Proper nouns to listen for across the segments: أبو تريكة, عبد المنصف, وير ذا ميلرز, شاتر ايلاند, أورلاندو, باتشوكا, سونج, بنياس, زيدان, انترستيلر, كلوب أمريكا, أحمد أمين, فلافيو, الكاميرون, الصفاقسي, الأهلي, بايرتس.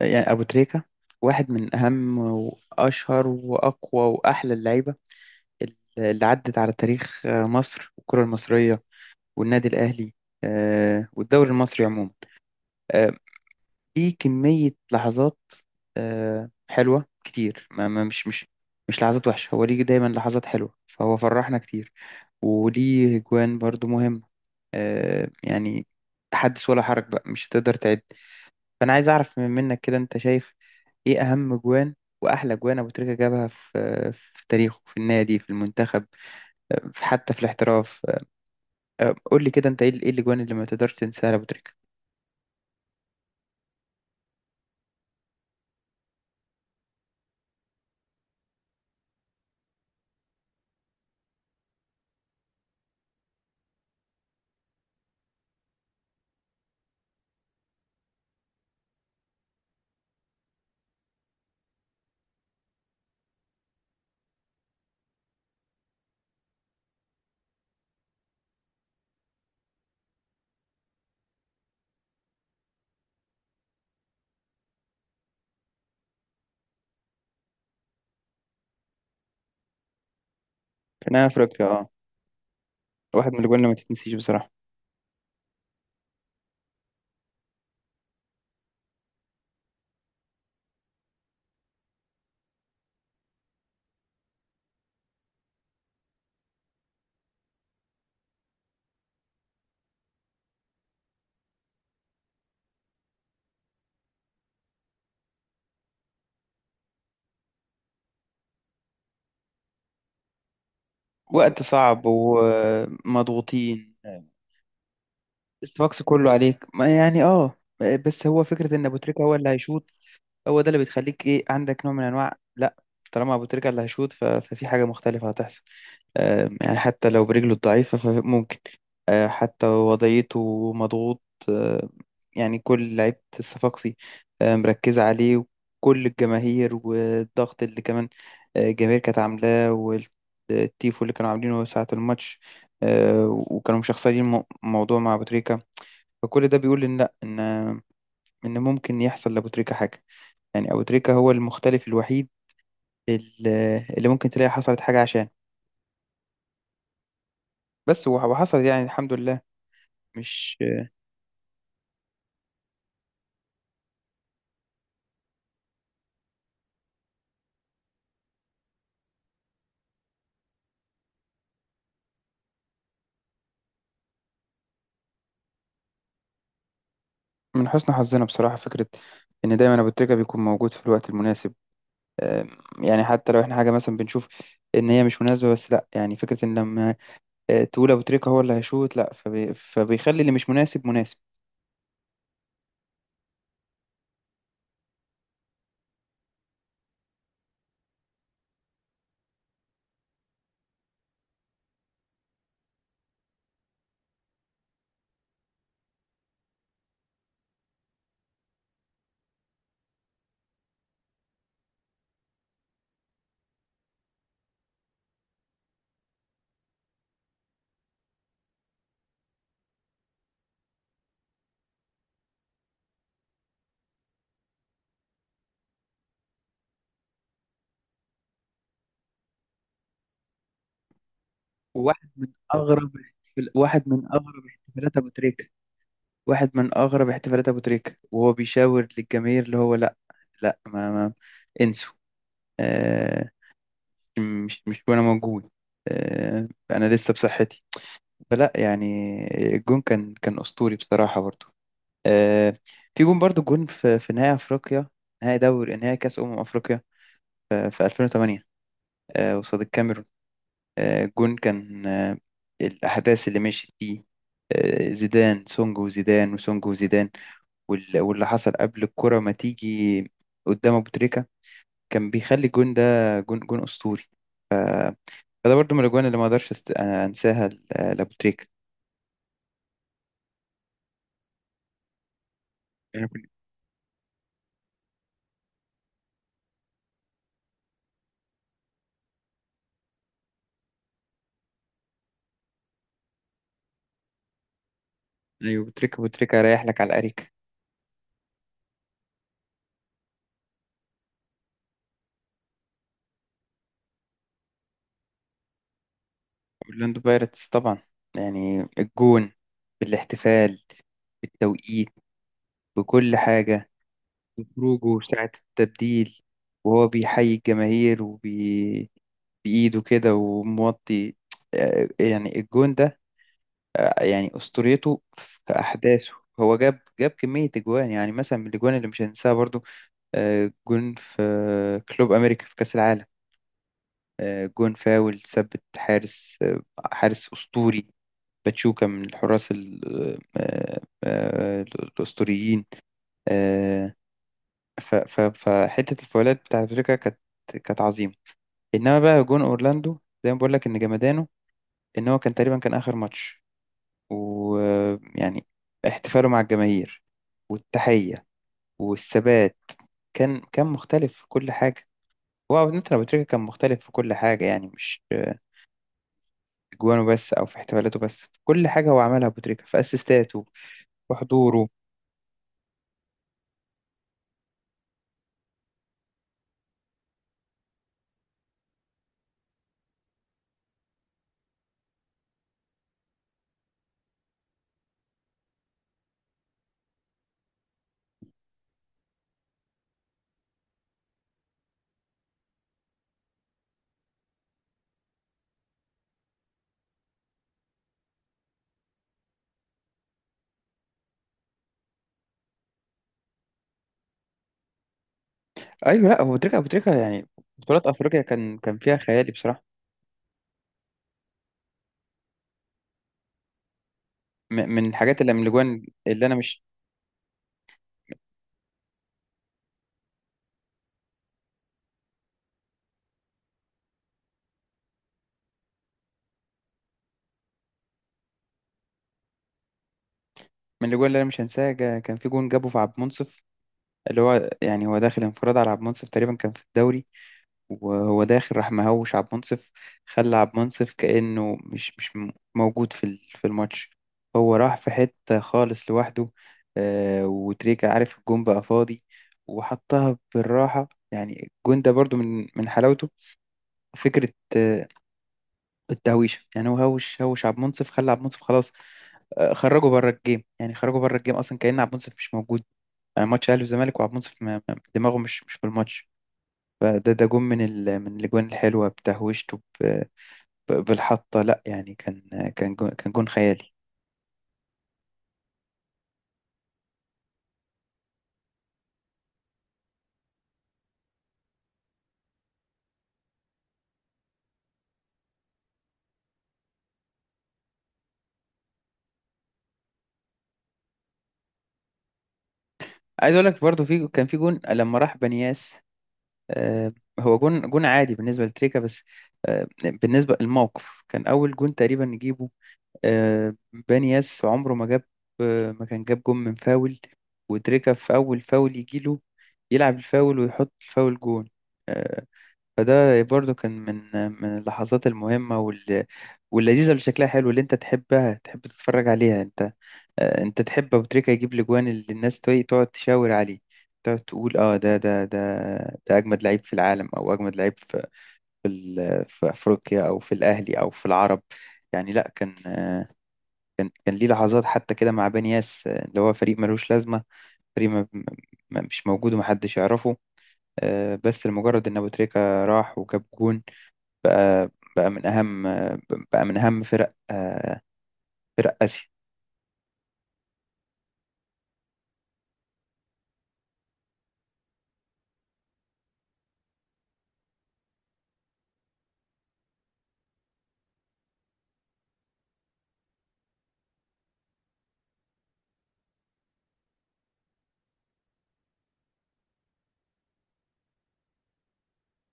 يعني أبو تريكة واحد من أهم وأشهر وأقوى وأحلى اللعيبة اللي عدت على تاريخ مصر والكرة المصرية والنادي الأهلي، آه، والدوري المصري عموما. آه، في كمية لحظات حلوة كتير، مش لحظات وحشة، هو ليه دايما لحظات حلوة، فهو فرحنا كتير. وليه جوان برضو مهم، يعني حدث ولا حرج بقى، مش هتقدر تعد. فأنا عايز أعرف منك كده، أنت شايف ايه اهم جوان واحلى جوان ابو تريكة جابها في تاريخه، في النادي، في المنتخب، حتى في الاحتراف. قول لي كده، انت ايه إيه الاجوان اللي ما تقدرش تنساها لابو تريكة؟ في نهاية افريقيا، اه، واحد من الاجوان اللي ما تتنسيش بصراحة. وقت صعب ومضغوطين، الستوكس كله عليك، ما يعني اه، بس هو فكرة ان ابو تريكة هو اللي هيشوط، هو ده اللي بيخليك ايه، عندك نوع من انواع لا، طالما ابو تريكة اللي هيشوط ففي حاجة مختلفة هتحصل. يعني حتى لو برجله الضعيفة فممكن، حتى وضعيته مضغوط، آه، يعني كل لعيبة الصفاقسي مركزة عليه، وكل الجماهير والضغط اللي كمان، الجماهير كانت عاملاه، والتيفو اللي كانوا عاملينه ساعة الماتش، وكانوا مشخصنين الموضوع مع أبو تريكة. فكل ده بيقول إن لأ، إن ممكن يحصل لأبو تريكة حاجة، يعني أبو تريكة هو المختلف الوحيد اللي ممكن تلاقي حصلت حاجة عشان، بس وحصلت يعني الحمد لله، مش من حسن حظنا بصراحة. فكرة إن دايما أبو تريكة بيكون موجود في الوقت المناسب، أم، يعني حتى لو إحنا حاجة مثلا بنشوف إن هي مش مناسبة، بس لأ، يعني فكرة إن لما تقول أبو تريكة هو اللي هيشوط، لأ فبيخلي اللي مش مناسب مناسب. وواحد من واحد من أغرب احتفالات أبو تريكة، واحد من أغرب احتفالات أبو تريكة، وهو بيشاور للجماهير اللي هو لأ، لأ، ما انسوا، أه، مش مش وأنا موجود، أنا لسه بصحتي. فلا يعني، الجون كان اسطوري بصراحه برضو. آه، في جون برضو، جون في نهائي افريقيا، نهائي كاس افريقيا في 2008، قصاد الكاميرون. جون كان، الاحداث اللي مشيت فيه، زيدان سونج وزيدان، وسونج وزيدان، واللي حصل قبل الكره ما تيجي قدام ابو تريكه كان بيخلي الجون ده جون اسطوري. ف- فده برضو من الاجوان اللي ما اقدرش انساها لابو تريكه. ايوه، بتريكا بتريكا رايح لك على الاريكه. اورلاندو بايرتس طبعا، يعني الجون، بالاحتفال، بالتوقيت، بكل حاجه، بخروجه ساعه التبديل، وهو بيحيي الجماهير بايده كده وموطي. يعني الجون ده، يعني اسطوريته في احداثه. هو جاب كميه اجوان، يعني مثلا من الاجوان اللي مش هننساها برضو، جون في كلوب امريكا في كاس العالم، جون فاول ثبت حارس، حارس اسطوري، باتشوكا من الحراس الأسطوريين. آه، فحتة الفاولات بتاعت باتشوكا كانت عظيمة. إنما بقى جون أورلاندو، زي ما بقول لك إن جمدانه، إن هو كان تقريبا كان آخر ماتش، ويعني احتفاله مع الجماهير والتحية والثبات كان مختلف في كل حاجة. هو عودة أبو تريكة كان مختلف في كل حاجة، يعني مش في جوانه بس أو في احتفالاته بس، في كل حاجة هو عملها أبو تريكة، في أسيستاته، في حضوره. ايوه، لا، ابو تريكه يعني بطولات افريقيا كان فيها خيالي بصراحه. من الاجوان اللي انا مش، من الاجوان اللي انا مش هنساها، كان في جون جابه في عبد المنصف، اللي هو يعني هو داخل انفراد على عبد المنصف تقريبا، كان في الدوري، وهو داخل راح مهوش عبد المنصف، خلى عبد المنصف كانه مش مش م- موجود في في الماتش. هو راح في حته خالص لوحده، وتريكه عارف الجون بقى فاضي، وحطها بالراحه. يعني الجون ده برضو من حلاوته فكرة التهويشه، يعني هو هوش عبد المنصف، خلى عبد المنصف خلاص، خرجه بره الجيم، يعني خرجه بره الجيم اصلا، كأن عبد المنصف مش موجود. ماتش اهلي وزمالك وعبد المنصف دماغه مش في الماتش، فده ده جون من ال، من الاجوان الحلوه بتهويشته، ب، ب، بالحطه. لا يعني كان جون، كان جون خيالي. عايز اقول لك برضو، في كان في جون لما راح بنياس، آه، هو جون عادي بالنسبه لتريكا، بس بالنسبه للموقف كان اول جون تقريبا نجيبه آه، بانياس عمره ما جاب، آه، ما كان جاب جون من فاول، ودريكا في أول فاول يجيله، يلعب الفاول ويحط الفاول جون. آه، فده برضو كان من من اللحظات المهمة واللذيذة، اللي شكلها حلو، اللي انت تحبها تحب تتفرج عليها. انت انت تحب أبو تريكة يجيب الاجوان اللي الناس تقعد تشاور عليه، تقعد تقول اه، ده ده اجمد لعيب في العالم، او اجمد لعيب في، في افريقيا، او في الاهلي، او في العرب. يعني لا، كان كان ليه لحظات حتى كده مع بني ياس، اللي هو فريق ملوش لازمة، فريق مش موجود ومحدش يعرفه، بس لمجرد إن أبو تريكة راح وجاب جون، بقى، بقى من أهم بقى من أهم فرق فرق آسيا.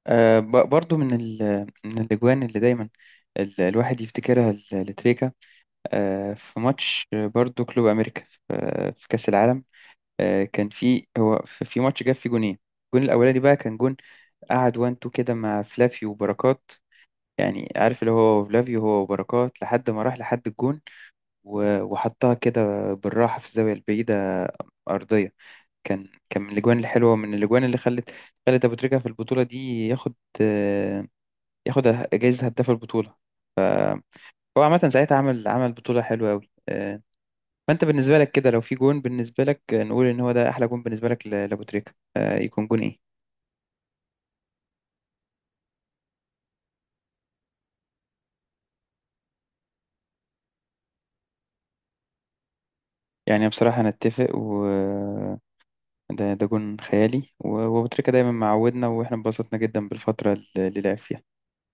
برضو من ال، من الأجوان اللي دايما الواحد يفتكرها لتريكا، في ماتش برضو كلوب أمريكا في في كأس العالم، كان في هو في ماتش جاب فيه جونين. الجون الأولاني بقى كان جون، قعد وانتو كده مع فلافي وبركات، يعني عارف، اللي هو فلافيو هو وبركات لحد ما راح لحد الجون، وحطها كده بالراحة في الزاوية البعيدة أرضية. كان من الأجوان الحلوة، من الأجوان اللي خلت أبو تريكة في البطولة دي ياخد، آه، ياخد جايزة هداف البطولة. هو عامة ساعتها عمل بطولة حلوة أوي. فأنت بالنسبة لك كده، لو في جون بالنسبة لك، نقول إن هو ده أحلى جون بالنسبة لك لأبو تريكة، يكون جون إيه؟ يعني بصراحة أنا أتفق، ده ده جون خيالي، وأبو تريكة دايما معودنا، واحنا انبسطنا جدا بالفترة اللي لعب فيها